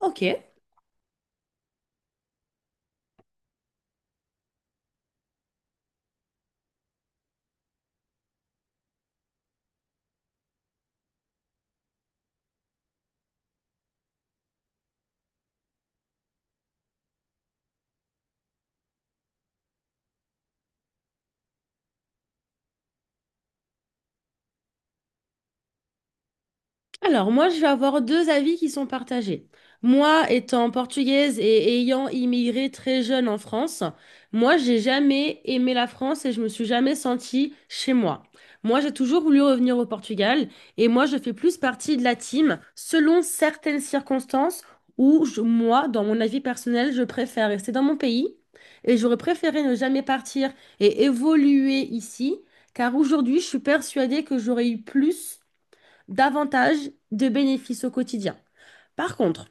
Ok. Alors, moi, je vais avoir deux avis qui sont partagés. Moi, étant portugaise et ayant immigré très jeune en France, moi, j'ai jamais aimé la France et je me suis jamais sentie chez moi. Moi, j'ai toujours voulu revenir au Portugal et moi, je fais plus partie de la team selon certaines circonstances où moi, dans mon avis personnel, je préfère rester dans mon pays et j'aurais préféré ne jamais partir et évoluer ici, car aujourd'hui, je suis persuadée que j'aurais eu plus davantage de bénéfices au quotidien. Par contre,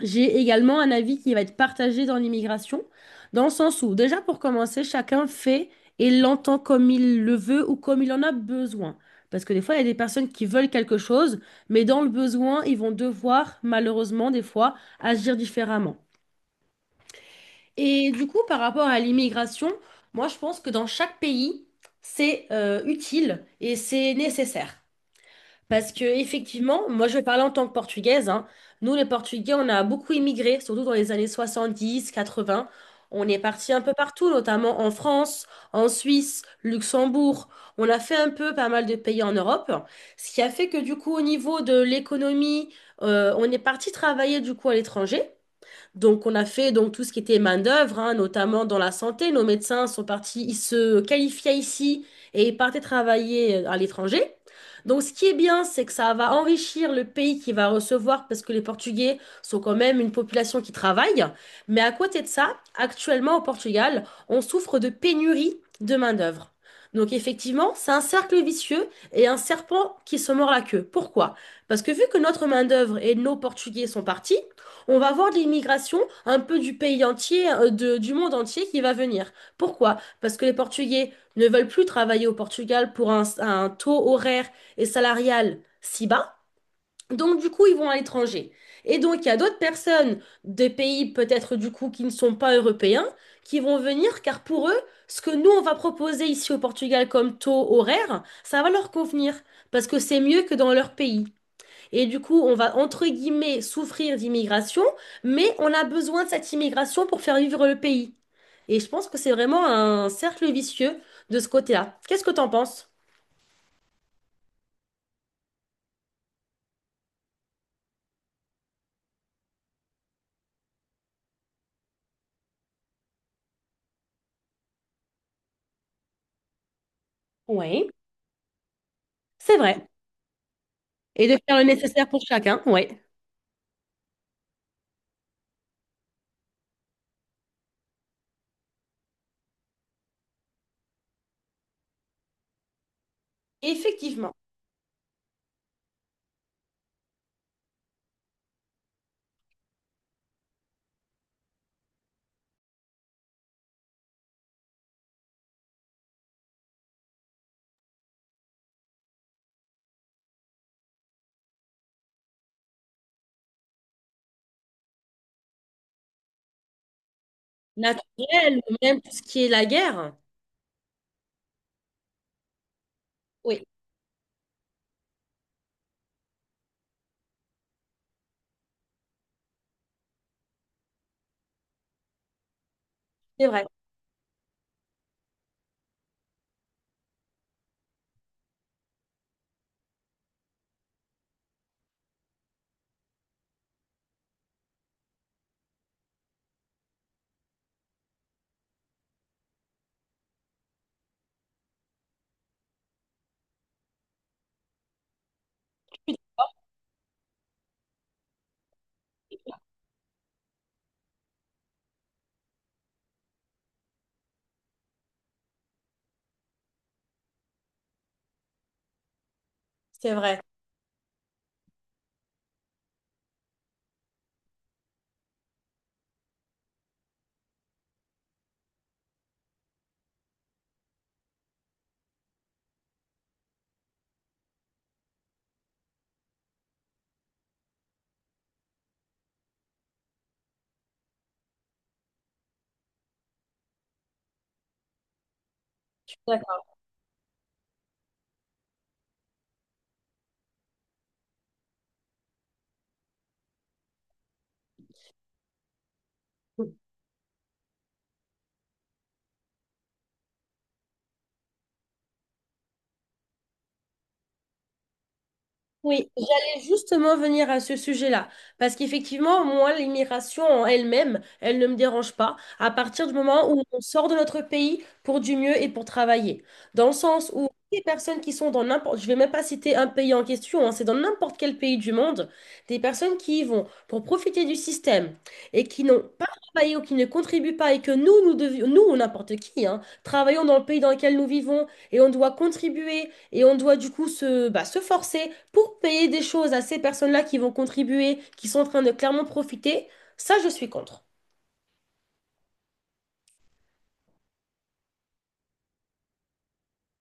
j'ai également un avis qui va être partagé dans l'immigration, dans le sens où, déjà pour commencer, chacun fait et l'entend comme il le veut ou comme il en a besoin. Parce que des fois, il y a des personnes qui veulent quelque chose, mais dans le besoin, ils vont devoir, malheureusement, des fois, agir différemment. Et du coup, par rapport à l'immigration, moi, je pense que dans chaque pays, c'est utile et c'est nécessaire. Parce que effectivement, moi je vais parler en tant que portugaise, hein. Nous les Portugais, on a beaucoup immigré, surtout dans les années soixante-dix, quatre-vingts. On est parti un peu partout, notamment en France, en Suisse, Luxembourg. On a fait un peu pas mal de pays en Europe, ce qui a fait que du coup au niveau de l'économie, on est parti travailler du coup à l'étranger. Donc, on a fait donc tout ce qui était main-d'œuvre, hein, notamment dans la santé. Nos médecins sont partis, ils se qualifiaient ici et ils partaient travailler à l'étranger. Donc, ce qui est bien, c'est que ça va enrichir le pays qui va recevoir, parce que les Portugais sont quand même une population qui travaille. Mais à côté de ça, actuellement au Portugal, on souffre de pénurie de main-d'œuvre. Donc effectivement, c'est un cercle vicieux et un serpent qui se mord la queue. Pourquoi? Parce que vu que notre main-d'œuvre et nos Portugais sont partis, on va avoir de l'immigration un peu du pays entier, du monde entier qui va venir. Pourquoi? Parce que les Portugais ne veulent plus travailler au Portugal pour un taux horaire et salarial si bas. Donc, du coup, ils vont à l'étranger. Et donc, il y a d'autres personnes des pays peut-être du coup qui ne sont pas européens qui vont venir car pour eux, ce que nous, on va proposer ici au Portugal comme taux horaire, ça va leur convenir parce que c'est mieux que dans leur pays. Et du coup, on va, entre guillemets, souffrir d'immigration, mais on a besoin de cette immigration pour faire vivre le pays. Et je pense que c'est vraiment un cercle vicieux de ce côté-là. Qu'est-ce que t'en penses? Oui, c'est vrai. Et de faire le nécessaire pour chacun, oui. Effectivement. Naturel, même tout ce qui est la guerre. Oui, c'est vrai, c'est vrai. Je suis d'accord. Oui, j'allais justement venir à ce sujet-là, parce qu'effectivement, moi, l'immigration en elle-même, elle ne me dérange pas à partir du moment où on sort de notre pays pour du mieux et pour travailler. Dans le sens où des personnes qui sont dans n'importe, je vais même pas citer un pays en question, hein, c'est dans n'importe quel pays du monde, des personnes qui y vont pour profiter du système et qui n'ont pas travaillé ou qui ne contribuent pas et que nous, nous devions, nous ou n'importe qui, hein, travaillons dans le pays dans lequel nous vivons et on doit contribuer et on doit du coup se, bah, se forcer pour payer des choses à ces personnes-là qui vont contribuer, qui sont en train de clairement profiter, ça, je suis contre.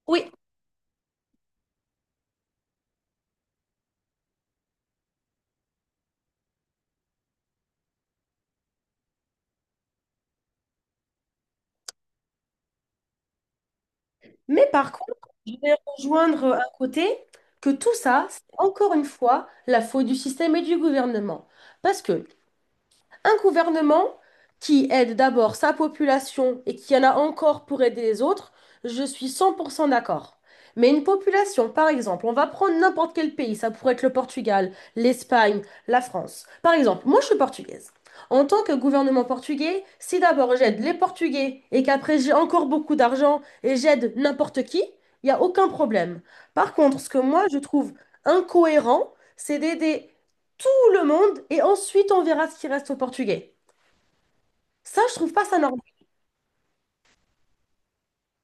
Oui, mais par contre, je vais rejoindre un côté que tout ça, c'est encore une fois la faute du système et du gouvernement. Parce que un gouvernement qui aide d'abord sa population et qui en a encore pour aider les autres, je suis 100% d'accord. Mais une population, par exemple, on va prendre n'importe quel pays, ça pourrait être le Portugal, l'Espagne, la France. Par exemple, moi je suis portugaise. En tant que gouvernement portugais, si d'abord j'aide les Portugais et qu'après j'ai encore beaucoup d'argent et j'aide n'importe qui, il n'y a aucun problème. Par contre, ce que moi je trouve incohérent, c'est d'aider le monde et ensuite on verra ce qui reste aux Portugais. Ça, je trouve pas ça normal.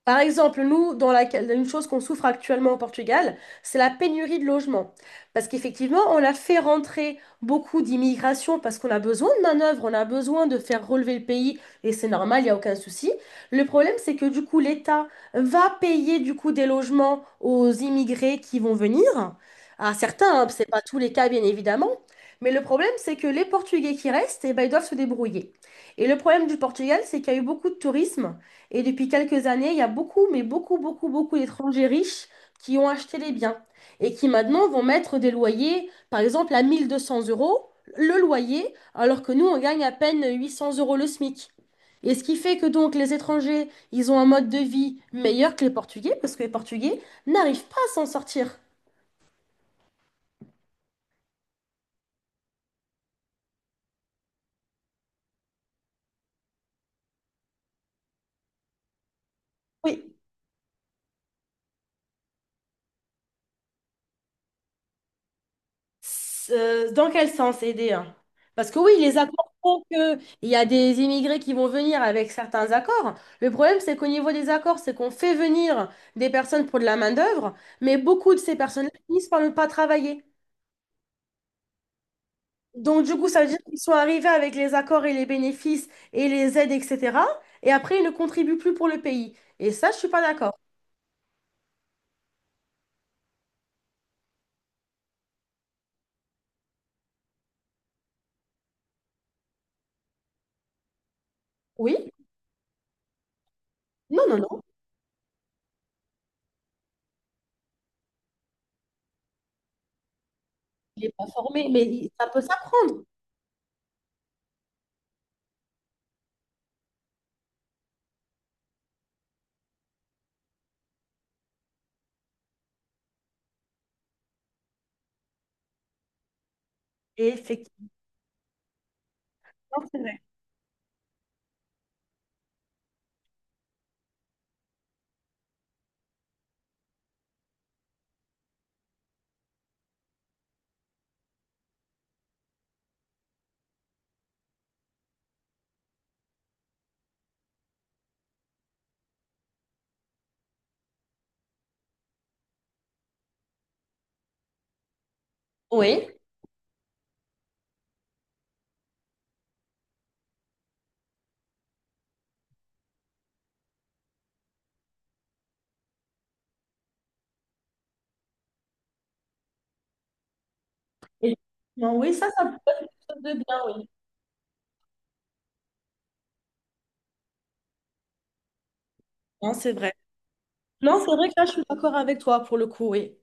Par exemple, nous, dans laquelle, une chose qu'on souffre actuellement au Portugal, c'est la pénurie de logements. Parce qu'effectivement, on a fait rentrer beaucoup d'immigration parce qu'on a besoin de main-d'œuvre, on a besoin de faire relever le pays, et c'est normal, il n'y a aucun souci. Le problème, c'est que du coup, l'État va payer du coup des logements aux immigrés qui vont venir. À certains, hein, c'est pas tous les cas, bien évidemment. Mais le problème, c'est que les Portugais qui restent, eh ben, ils doivent se débrouiller. Et le problème du Portugal, c'est qu'il y a eu beaucoup de tourisme. Et depuis quelques années, il y a beaucoup, mais beaucoup, beaucoup, beaucoup d'étrangers riches qui ont acheté les biens et qui maintenant vont mettre des loyers, par exemple à 1 200 euros le loyer, alors que nous, on gagne à peine 800 euros le SMIC. Et ce qui fait que donc les étrangers, ils ont un mode de vie meilleur que les Portugais, parce que les Portugais n'arrivent pas à s'en sortir. Oui. Dans quel sens aider? Hein. Parce que oui, les accords font que il y a des immigrés qui vont venir avec certains accords. Le problème, c'est qu'au niveau des accords, c'est qu'on fait venir des personnes pour de la main-d'œuvre, mais beaucoup de ces personnes-là finissent par ne pas travailler. Donc, du coup, ça veut dire qu'ils sont arrivés avec les accords et les bénéfices et les aides, etc. Et après, ils ne contribuent plus pour le pays. Et ça, je suis pas d'accord. Oui? Non, non, non. Il n'est pas formé, mais il- ça peut s'apprendre. Et effectivement. Oui. Et- non, oui, ça peut être de bien, oui. Non, c'est vrai. Non, c'est vrai que là, je suis d'accord avec toi pour le coup, oui.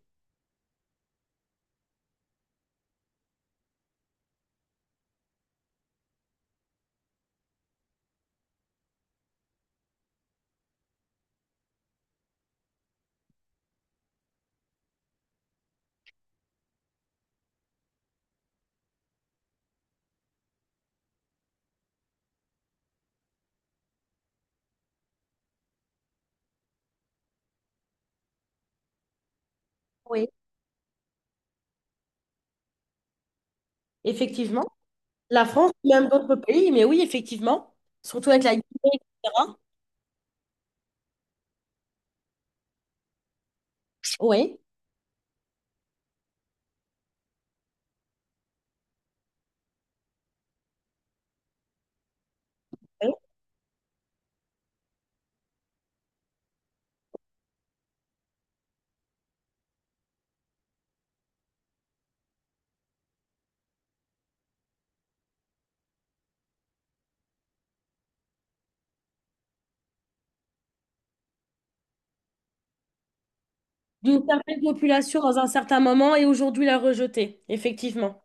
Oui. Effectivement. La France, même d'autres pays, mais oui, effectivement. Surtout avec la Guinée, etc. Oui. Oui. D'une certaine population dans un certain moment et aujourd'hui la rejeter. Effectivement.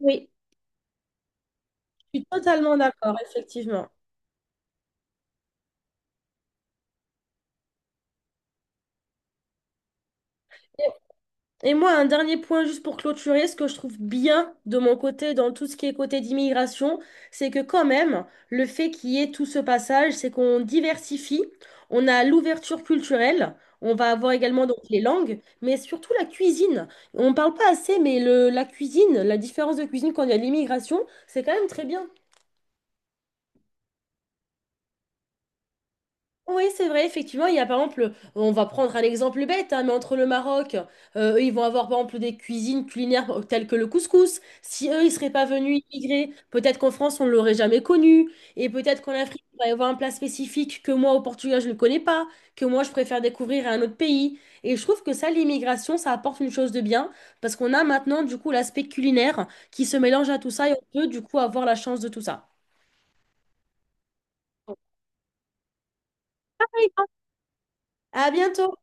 Oui. Je suis totalement d'accord, effectivement. Et moi, un dernier point juste pour clôturer, ce que je trouve bien de mon côté dans tout ce qui est côté d'immigration, c'est que quand même, le fait qu'il y ait tout ce passage, c'est qu'on diversifie, on a l'ouverture culturelle, on va avoir également donc les langues, mais surtout la cuisine. On ne parle pas assez, mais le, la cuisine, la différence de cuisine quand il y a l'immigration, c'est quand même très bien. Oui, c'est vrai, effectivement, il y a par exemple, on va prendre un exemple bête, hein, mais entre le Maroc, eux, ils vont avoir par exemple des cuisines culinaires telles que le couscous. Si eux, ils seraient pas venus immigrer, peut-être qu'en France, on ne l'aurait jamais connu. Et peut-être qu'en Afrique, il va y avoir un plat spécifique que moi, au Portugal, je ne connais pas, que moi, je préfère découvrir à un autre pays. Et je trouve que ça, l'immigration, ça apporte une chose de bien, parce qu'on a maintenant, du coup, l'aspect culinaire qui se mélange à tout ça et on peut, du coup, avoir la chance de tout ça. Oui. À bientôt!